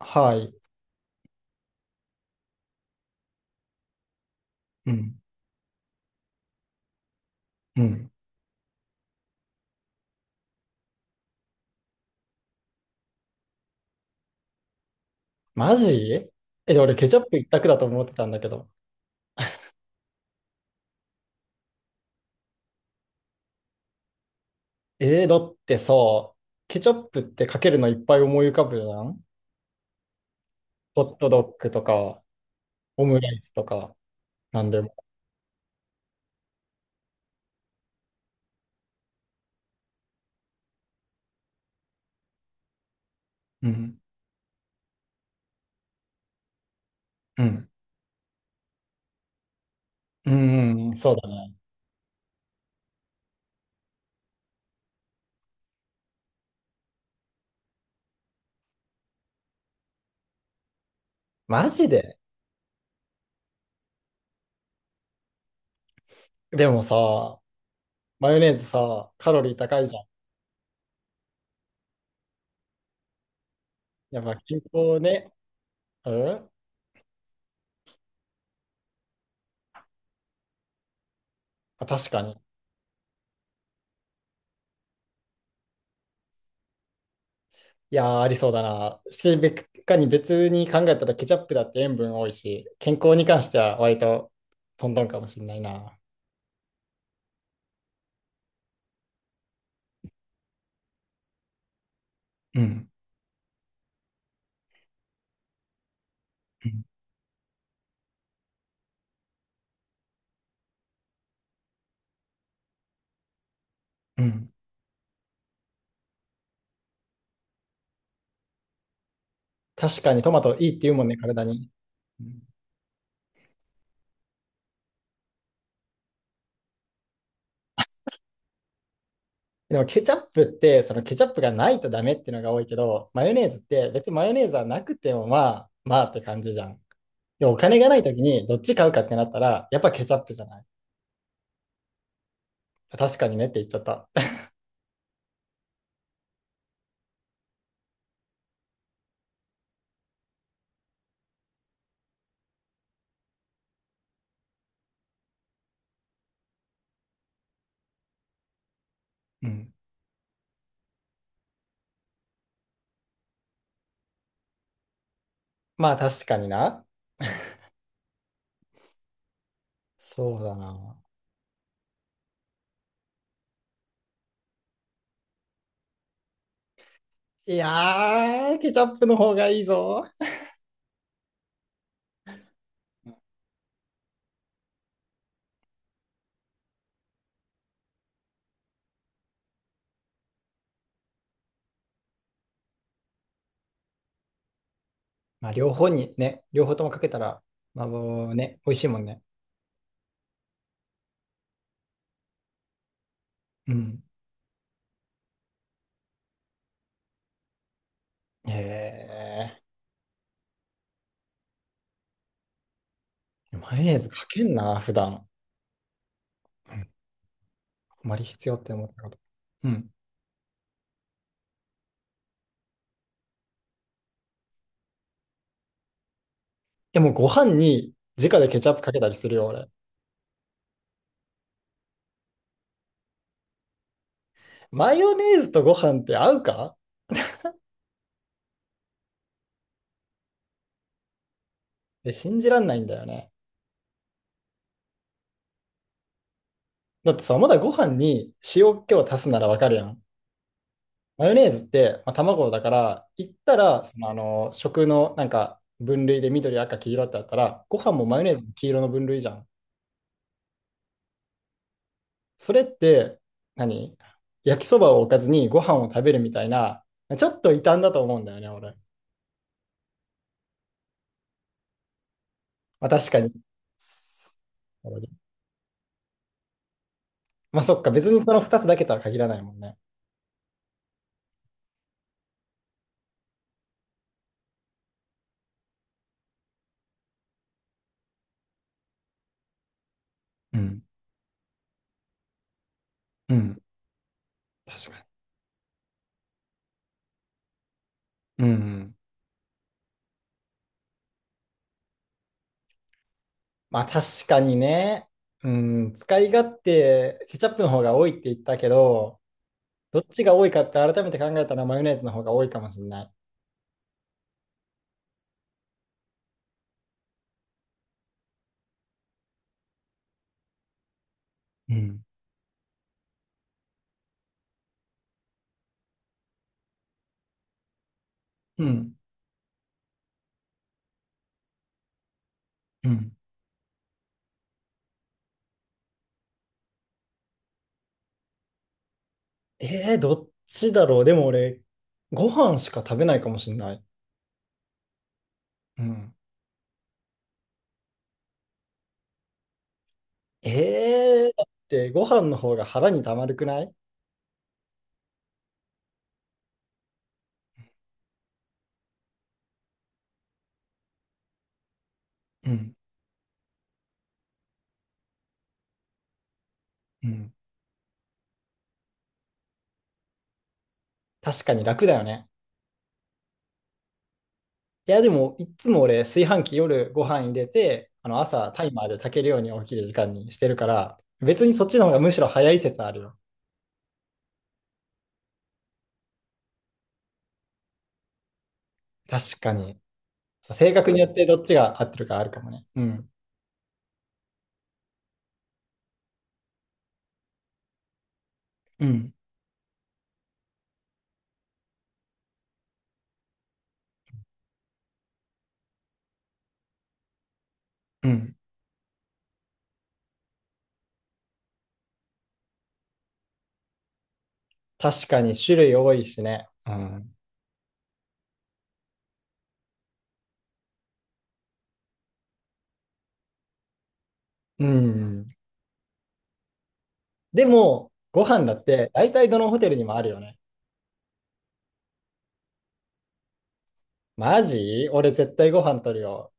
はい。うん、うん。マジ。え、俺ケチャップ一択だと思ってたんだけど。だってさ、ケチャップってかけるのいっぱい思い浮かぶじゃん。ホットドッグとか、オムライスとか、なんでも。うん、うん。うん、うんそうだね。マジで。でもさ、マヨネーズさ、カロリー高いじゃん。やっぱ健康ね。うんまあ、確かに。いやー、ありそうだな。べかに別に考えたらケチャップだって塩分多いし、健康に関しては割とトントンかもしれないな。うん。うん。うん、確かにトマトいいって言うもんね、体に。うん。でもケチャップって、そのケチャップがないとダメっていうのが多いけど、マヨネーズって別にマヨネーズはなくてもまあって感じじゃん。でお金がない時にどっち買うかってなったら、やっぱケチャップじゃない？確かにねって言っちゃった。うん、まあ確かにな。そうだな。いやー、ケチャップの方がいいぞ。まあ、両方にね、両方ともかけたら、まあ、もうね、美味しいもんね。うん。えー、マヨネーズかけんな、普段。うん、あまり必要って思ったこと。うん。でも、ご飯に直でケチャップかけたりするよ、俺。マヨネーズとご飯って合うかって信じらんないんだよね。だってさ、まだご飯に塩気を足すならわかるやん。マヨネーズって、まあ、卵だから、言ったら、食のなんか分類で緑、赤、黄色ってあったら、ご飯もマヨネーズも黄色の分類じゃん。それって、何、焼きそばを置かずにご飯を食べるみたいな、ちょっと異端だと思うんだよね、俺。まあ、確かに。なるほど。まあ、そっか、別にその2つだけとは限らないもんね。うん。うん。確かに。うん。まあ、確かにね。うん。使い勝手、ケチャップの方が多いって言ったけど、どっちが多いかって改めて考えたらマヨネーズの方が多いかもしれない。うん。うん。うん。えー、どっちだろう。でも俺、ご飯しか食べないかもしれない。うん。えー、だってご飯の方が腹にたまるくない？うん。うん。確かに楽だよね。いや、でも、いっつも俺、炊飯器夜ご飯入れて、あの朝タイマーで炊けるように起きる時間にしてるから、別にそっちの方がむしろ早い説あるよ。確かに。性格によってどっちが合ってるかあるかもね。うん。うん。うん、確かに種類多いしね。うん。うん。でも、ご飯だって大体どのホテルにもあるよね。マジ俺絶対ご飯取るよ。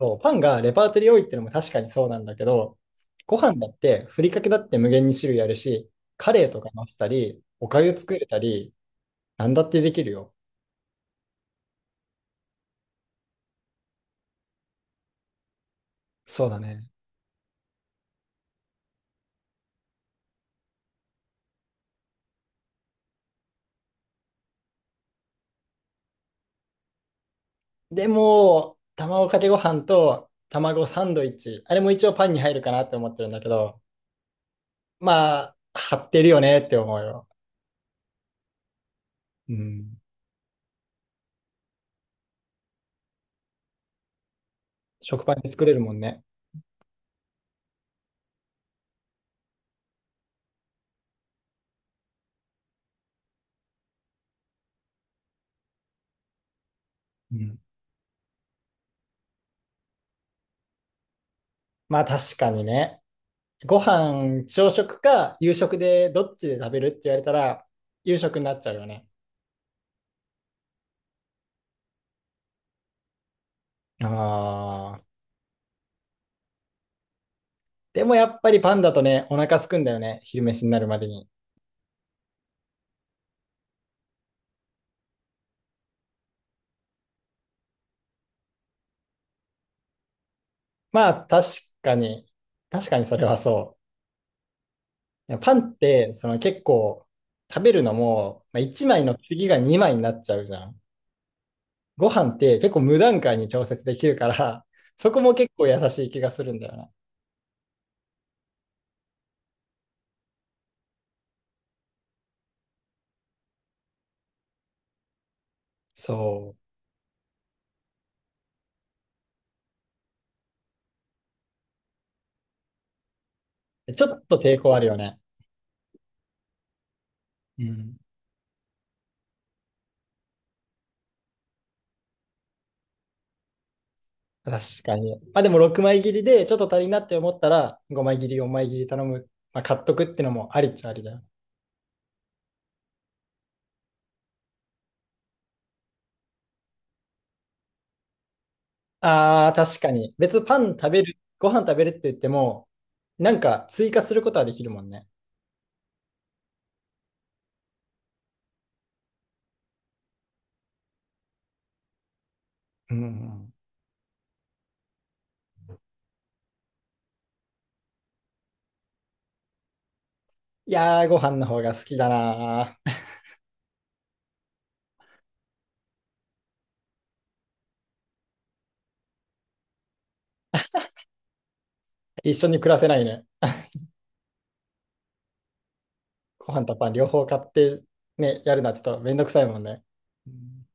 そう、パンがレパートリー多いってのも確かにそうなんだけど、ご飯だってふりかけだって無限に種類あるし、カレーとか乗せたり、おかゆ作れたり、なんだってできるよ。そうだね。でも、卵かけご飯と卵サンドイッチ、あれも一応パンに入るかなって思ってるんだけど、まあ、張ってるよねって思うよ。うん。食パンで作れるもんね。うん。まあ確かにね。ご飯、朝食か夕食でどっちで食べるって言われたら、夕食になっちゃうよね。ああ。でもやっぱりパンだとね、お腹空くんだよね。昼飯になるまでに。まあ確かに、確かにそれはそう。いやパンって、その結構、食べるのも、まあ、1枚の次が2枚になっちゃうじゃん。ご飯って結構無段階に調節できるから、そこも結構優しい気がするんだよな。そう。ちょっと抵抗あるよね。うん。確かに。まあでも6枚切りでちょっと足りんなって思ったら5枚切り、4枚切り頼む。まあ買っとくってのもありっちゃありだよ。ああ、確かに。別にパン食べる、ご飯食べるって言っても、なんか追加することはできるもんね。うん、うん。いやー、ご飯の方が好きだなー。一緒に暮らせないね。ご飯とパン両方買ってね、やるのはちょっとめんどくさいもんね。うん、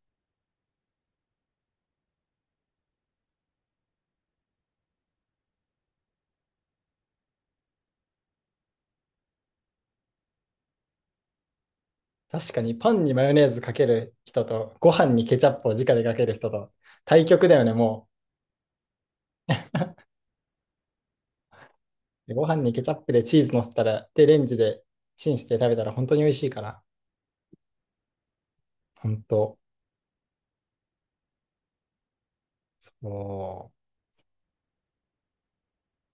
確かにパンにマヨネーズかける人と、ご飯にケチャップを直でかける人と、対極だよね、もう。ご飯にケチャップでチーズ乗せたら、で、レンジでチンして食べたら本当に美味しいから。本当。そう